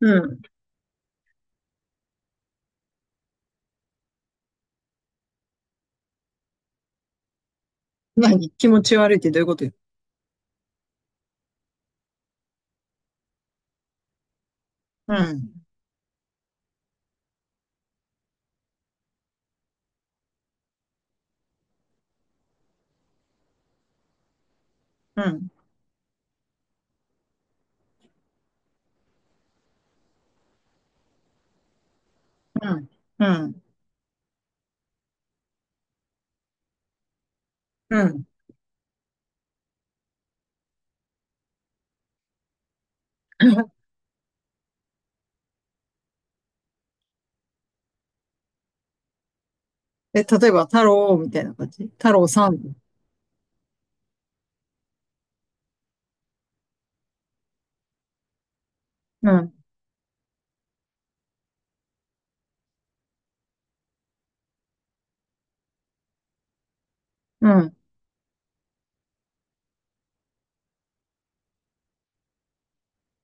うん。何、気持ち悪いってどういうことよ。うん、うん、うん、うん、うん。え、例えば、太郎みたいな感じ太郎さん。うん、うん、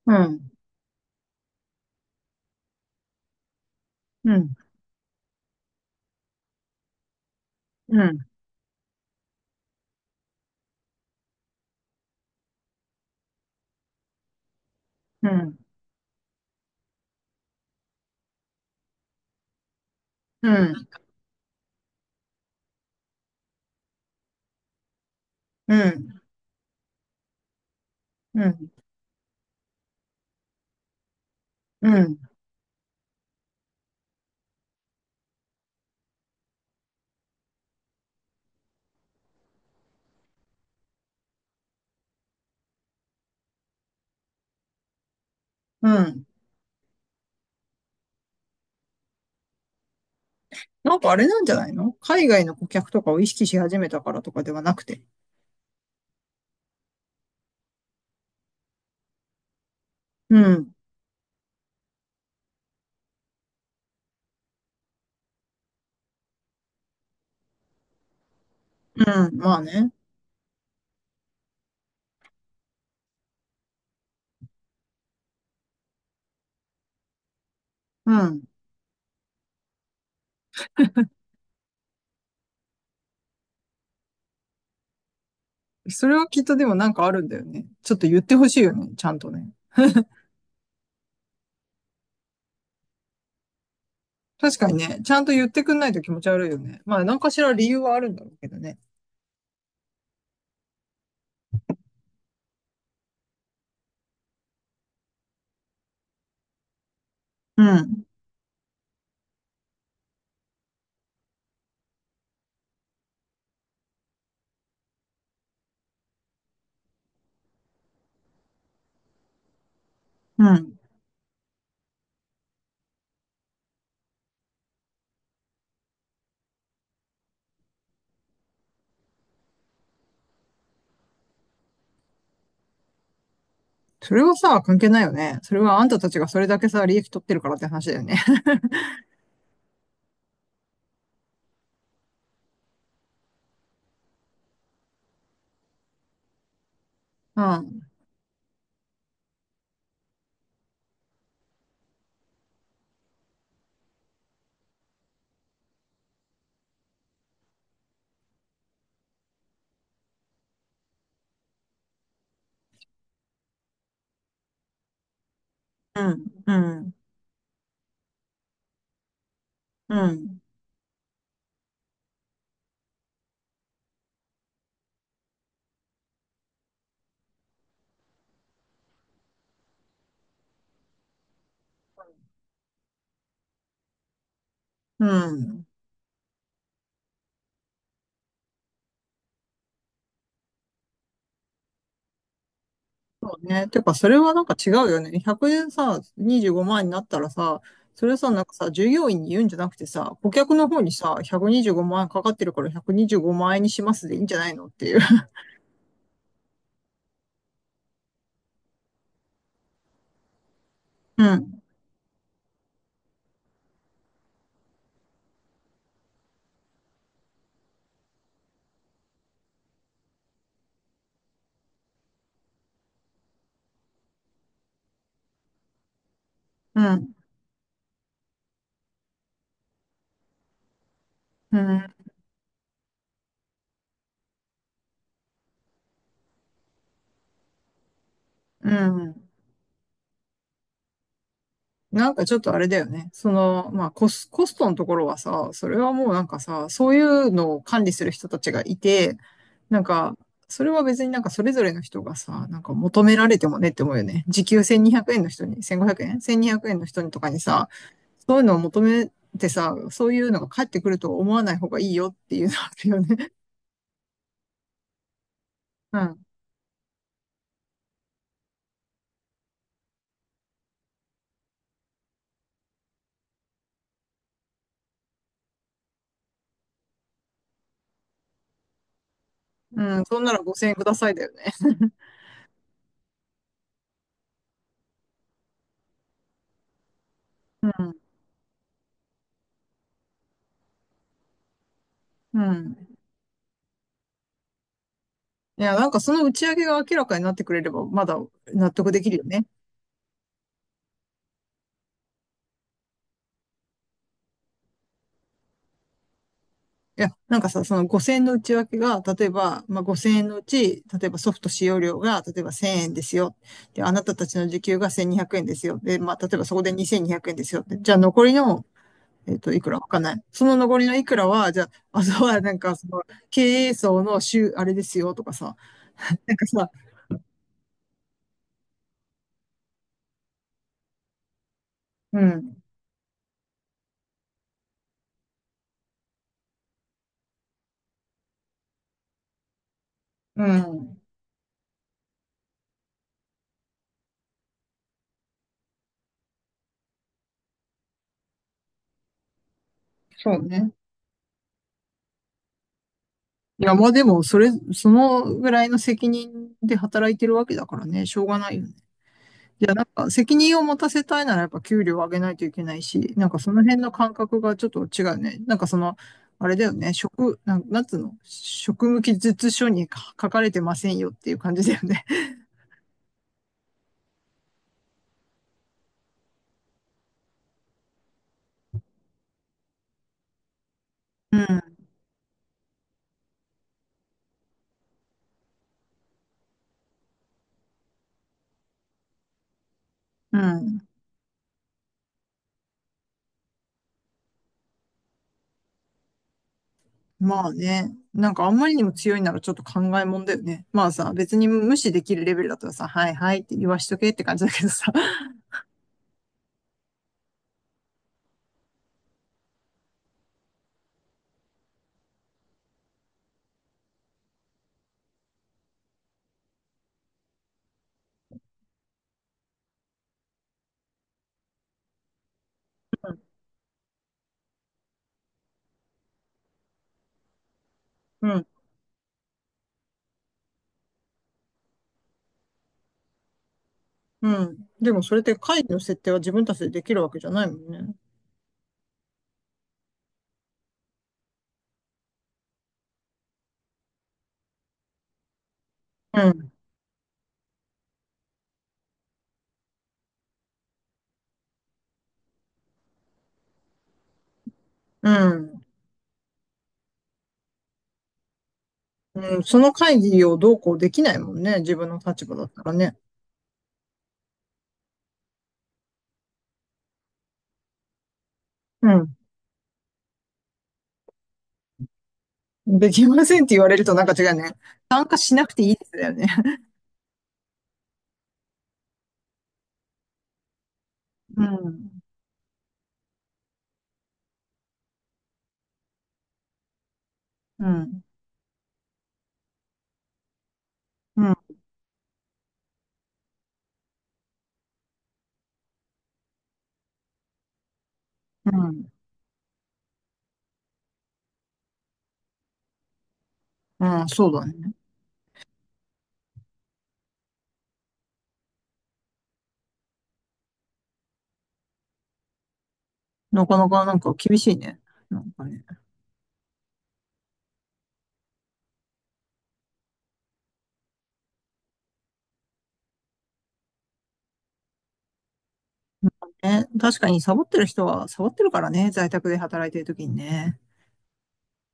うん、うん、うん、うん、うん、うん、うん、うん、うん。なんかあれなんじゃないの？海外の顧客とかを意識し始めたからとかではなくて。うん、うん、まあね。うん。それはきっとでもなんかあるんだよね。ちょっと言ってほしいよね、ちゃんとね。確かにね、ちゃんと言ってくんないと気持ち悪いよね。まあ、何かしら理由はあるんだろうけどね。うん、うん。それはさ、関係ないよね。それはあんたたちがそれだけさ、利益取ってるからって話だよね。うん、うん、うん、うん、うん。そうね。てか、それはなんか違うよね。100円さ、25万円になったらさ、それさ、なんかさ、従業員に言うんじゃなくてさ、顧客の方にさ、125万円かかってるから125万円にしますでいいんじゃないのっていう。うん、うん、うん、うん。なんかちょっとあれだよね。その、まあ、コストのところはさ、それはもうなんかさ、そういうのを管理する人たちがいて、なんか、それは別になんかそれぞれの人がさ、なんか求められてもねって思うよね。時給1200円の人に、1500円 ?1200 円の人にとかにさ、そういうのを求めてさ、そういうのが返ってくると思わない方がいいよっていうのあるよね。うん。うん。そんなら5000円くださいだよね。うん。うん。いや、なんかその打ち上げが明らかになってくれれば、まだ納得できるよね。いや、なんかさ、その5000円の内訳が、例えば、まあ、5000円のうち、例えばソフト使用料が、例えば1000円ですよ。で、あなたたちの時給が1200円ですよ。で、まあ、例えばそこで2200円ですよ。でじゃあ残りの、いくらわかんない。その残りのいくらは、じゃあ、あとはなんか、その、経営層の週、あれですよとかさ、なんかさ、うん、うん、そうね。いや、まあでも、それ、そのぐらいの責任で働いてるわけだからね、しょうがないよね。いや、なんか責任を持たせたいならやっぱ給料を上げないといけないし、なんかその辺の感覚がちょっと違うね。なんかその、あれだよね、職、なん、なんつうの、職務記述書にか書かれてませんよっていう感じだよね。うん、うん。まあね、なんかあんまりにも強いならちょっと考えもんだよね。まあさ、別に無視できるレベルだったらさ、はいはいって言わしとけって感じだけどさ。うん、うん。でもそれって会議の設定は自分たちでできるわけじゃないもんね。うん、うん。うん、その会議をどうこうできないもんね。自分の立場だったらね。うん。できませんって言われるとなんか違うね。参加しなくていいですだよね。うん。うん。うん。うん。うん。そうだね。なかなかなんか厳しいね。なんかね。ね、確かにサボってる人はサボってるからね。在宅で働いてる時にね。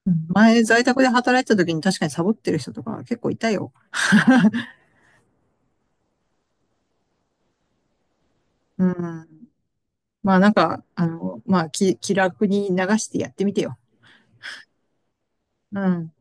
うん、前、在宅で働いてた時に確かにサボってる人とか結構いたよ。うん。まあなんか、まあ気楽に流してやってみてよ。うん。